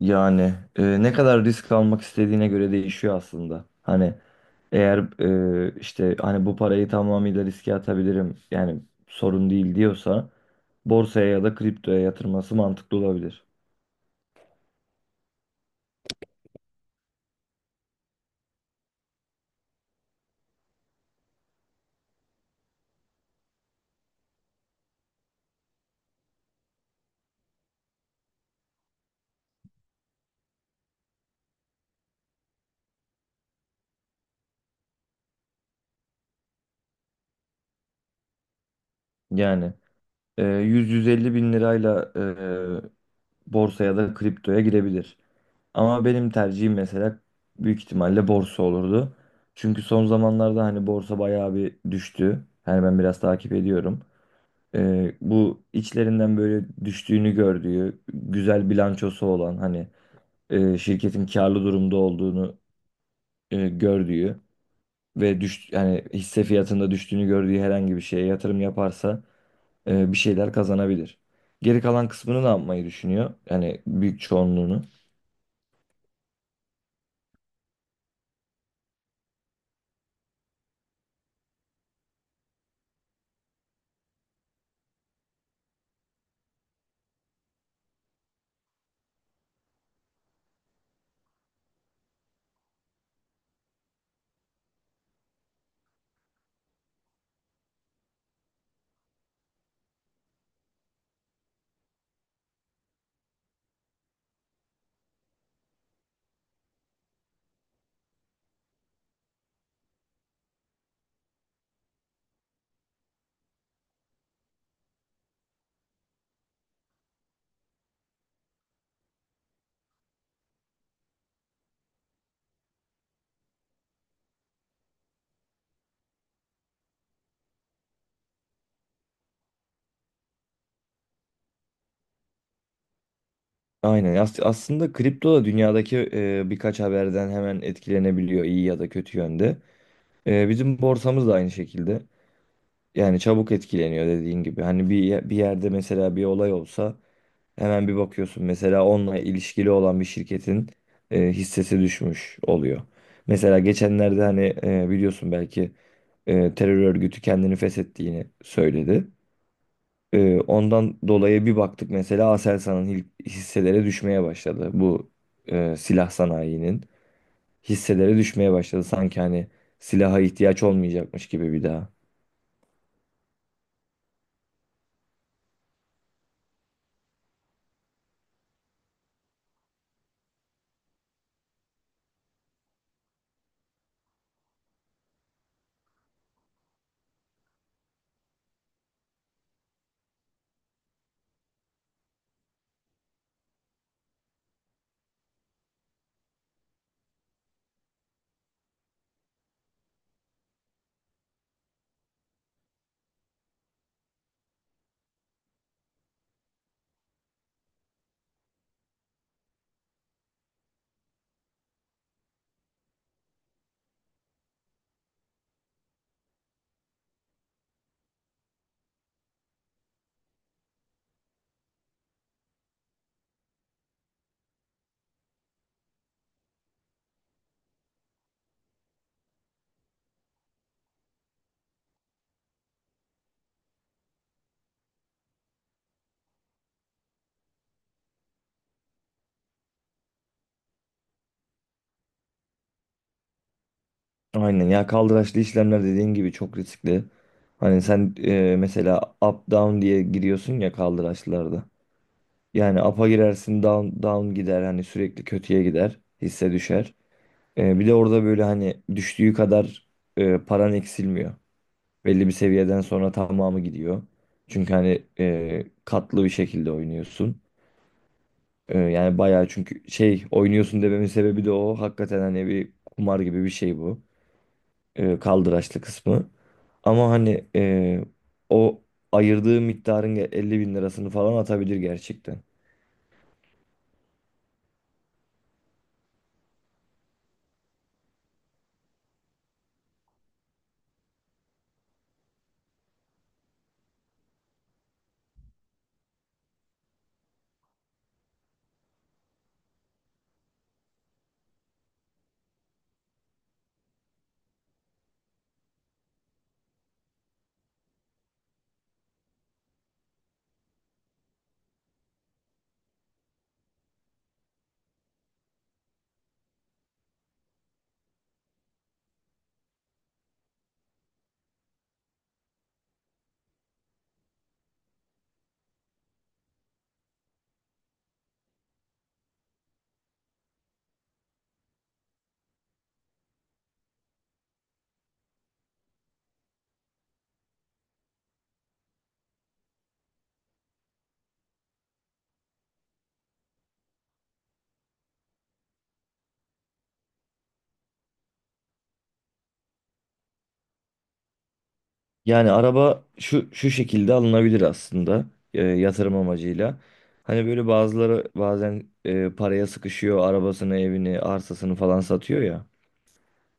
Yani ne kadar risk almak istediğine göre değişiyor aslında. Hani eğer işte hani bu parayı tamamıyla riske atabilirim yani sorun değil diyorsa borsaya ya da kriptoya yatırması mantıklı olabilir. Yani 100-150 bin lirayla borsaya da kriptoya girebilir. Ama benim tercihim mesela büyük ihtimalle borsa olurdu. Çünkü son zamanlarda hani borsa bayağı bir düştü. Yani ben biraz takip ediyorum. Bu içlerinden böyle düştüğünü gördüğü, güzel bilançosu olan hani şirketin karlı durumda olduğunu gördüğü ve yani hisse fiyatında düştüğünü gördüğü herhangi bir şeye yatırım yaparsa bir şeyler kazanabilir. Geri kalan kısmını ne yapmayı düşünüyor? Yani büyük çoğunluğunu. Aynen. Aslında kripto da dünyadaki birkaç haberden hemen etkilenebiliyor iyi ya da kötü yönde. Bizim borsamız da aynı şekilde. Yani çabuk etkileniyor dediğin gibi. Hani bir yerde mesela bir olay olsa hemen bir bakıyorsun. Mesela onunla ilişkili olan bir şirketin hissesi düşmüş oluyor. Mesela geçenlerde hani biliyorsun belki terör örgütü kendini feshettiğini söyledi. Ondan dolayı bir baktık mesela Aselsan'ın hisseleri düşmeye başladı. Bu silah sanayinin hisseleri düşmeye başladı. Sanki hani silaha ihtiyaç olmayacakmış gibi bir daha. Aynen ya, kaldıraçlı işlemler dediğin gibi çok riskli. Hani sen mesela up down diye giriyorsun ya kaldıraçlarda. Yani up'a girersin down down gider, hani sürekli kötüye gider, hisse düşer. Bir de orada böyle hani düştüğü kadar paran eksilmiyor. Belli bir seviyeden sonra tamamı gidiyor. Çünkü hani katlı bir şekilde oynuyorsun. Yani bayağı, çünkü şey oynuyorsun dememin sebebi de o. Hakikaten hani bir kumar gibi bir şey bu, kaldıraçlı kısmı. Ama hani o ayırdığı miktarın 50 bin lirasını falan atabilir gerçekten. Yani araba şu şu şekilde alınabilir aslında, yatırım amacıyla. Hani böyle bazıları bazen paraya sıkışıyor, arabasını, evini, arsasını falan satıyor ya.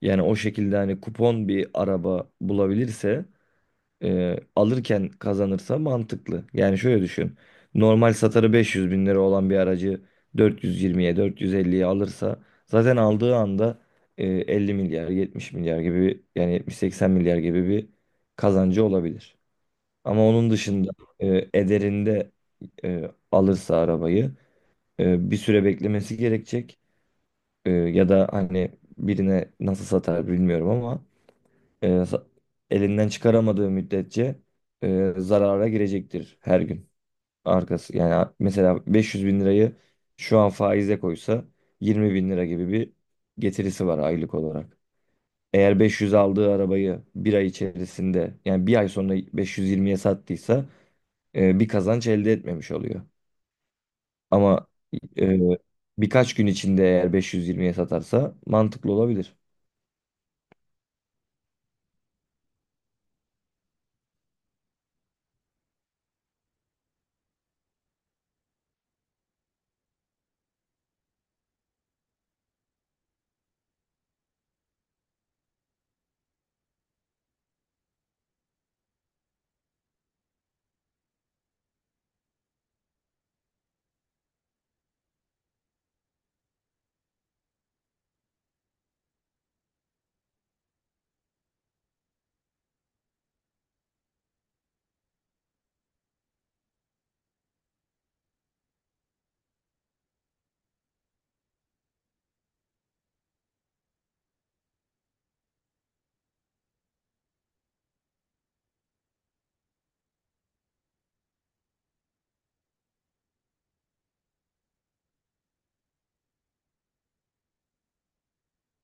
Yani o şekilde hani kupon bir araba bulabilirse, alırken kazanırsa, mantıklı. Yani şöyle düşün. Normal satarı 500 bin lira olan bir aracı 420'ye 450'ye alırsa, zaten aldığı anda 50 milyar 70 milyar gibi yani 70-80 milyar gibi bir kazancı olabilir. Ama onun dışında ederinde alırsa arabayı bir süre beklemesi gerekecek. Ya da hani birine nasıl satar bilmiyorum ama e, sa- elinden çıkaramadığı müddetçe zarara girecektir her gün. Arkası yani, mesela 500 bin lirayı şu an faize koysa 20 bin lira gibi bir getirisi var aylık olarak. Eğer 500 aldığı arabayı bir ay içerisinde, yani bir ay sonra 520'ye sattıysa bir kazanç elde etmemiş oluyor. Ama e, birkaç gün içinde eğer 520'ye satarsa mantıklı olabilir.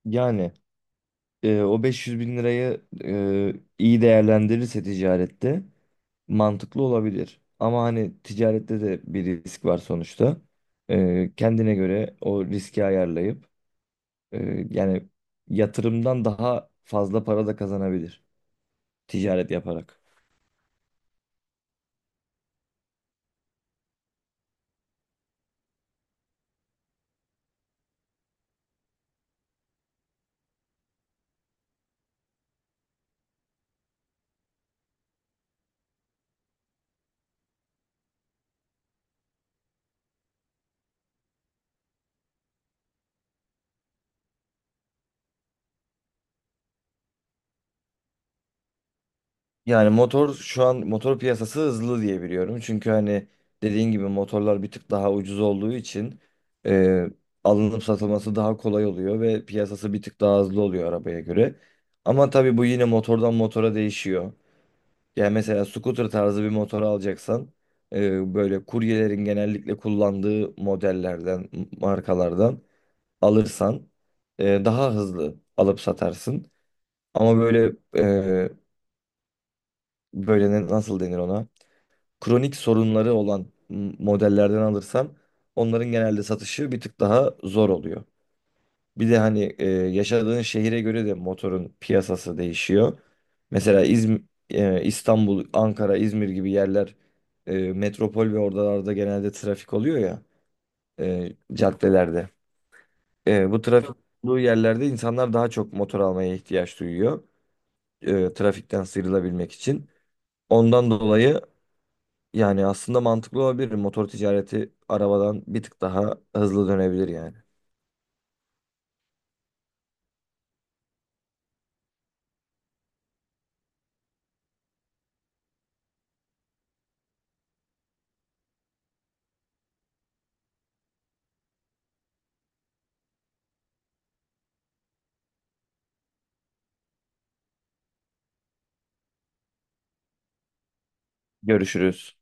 Yani o 500 bin lirayı iyi değerlendirirse ticarette mantıklı olabilir. Ama hani ticarette de bir risk var sonuçta. Kendine göre o riski ayarlayıp yani yatırımdan daha fazla para da kazanabilir, ticaret yaparak. Yani motor, şu an motor piyasası hızlı diye biliyorum. Çünkü hani dediğin gibi motorlar bir tık daha ucuz olduğu için e, alınıp satılması daha kolay oluyor ve piyasası bir tık daha hızlı oluyor arabaya göre. Ama tabii bu yine motordan motora değişiyor. Yani mesela scooter tarzı bir motor alacaksan, böyle kuryelerin genellikle kullandığı modellerden, markalardan alırsan, daha hızlı alıp satarsın. Ama e, böyle nasıl denir ona? Kronik sorunları olan modellerden alırsam onların genelde satışı bir tık daha zor oluyor. Bir de hani yaşadığın şehire göre de motorun piyasası değişiyor. Mesela İstanbul, Ankara, İzmir gibi yerler metropol ve oralarda genelde trafik oluyor ya, caddelerde. Bu trafik olduğu yerlerde insanlar daha çok motor almaya ihtiyaç duyuyor, trafikten sıyrılabilmek için. Ondan dolayı, yani aslında mantıklı olabilir. Motor ticareti arabadan bir tık daha hızlı dönebilir yani. Görüşürüz.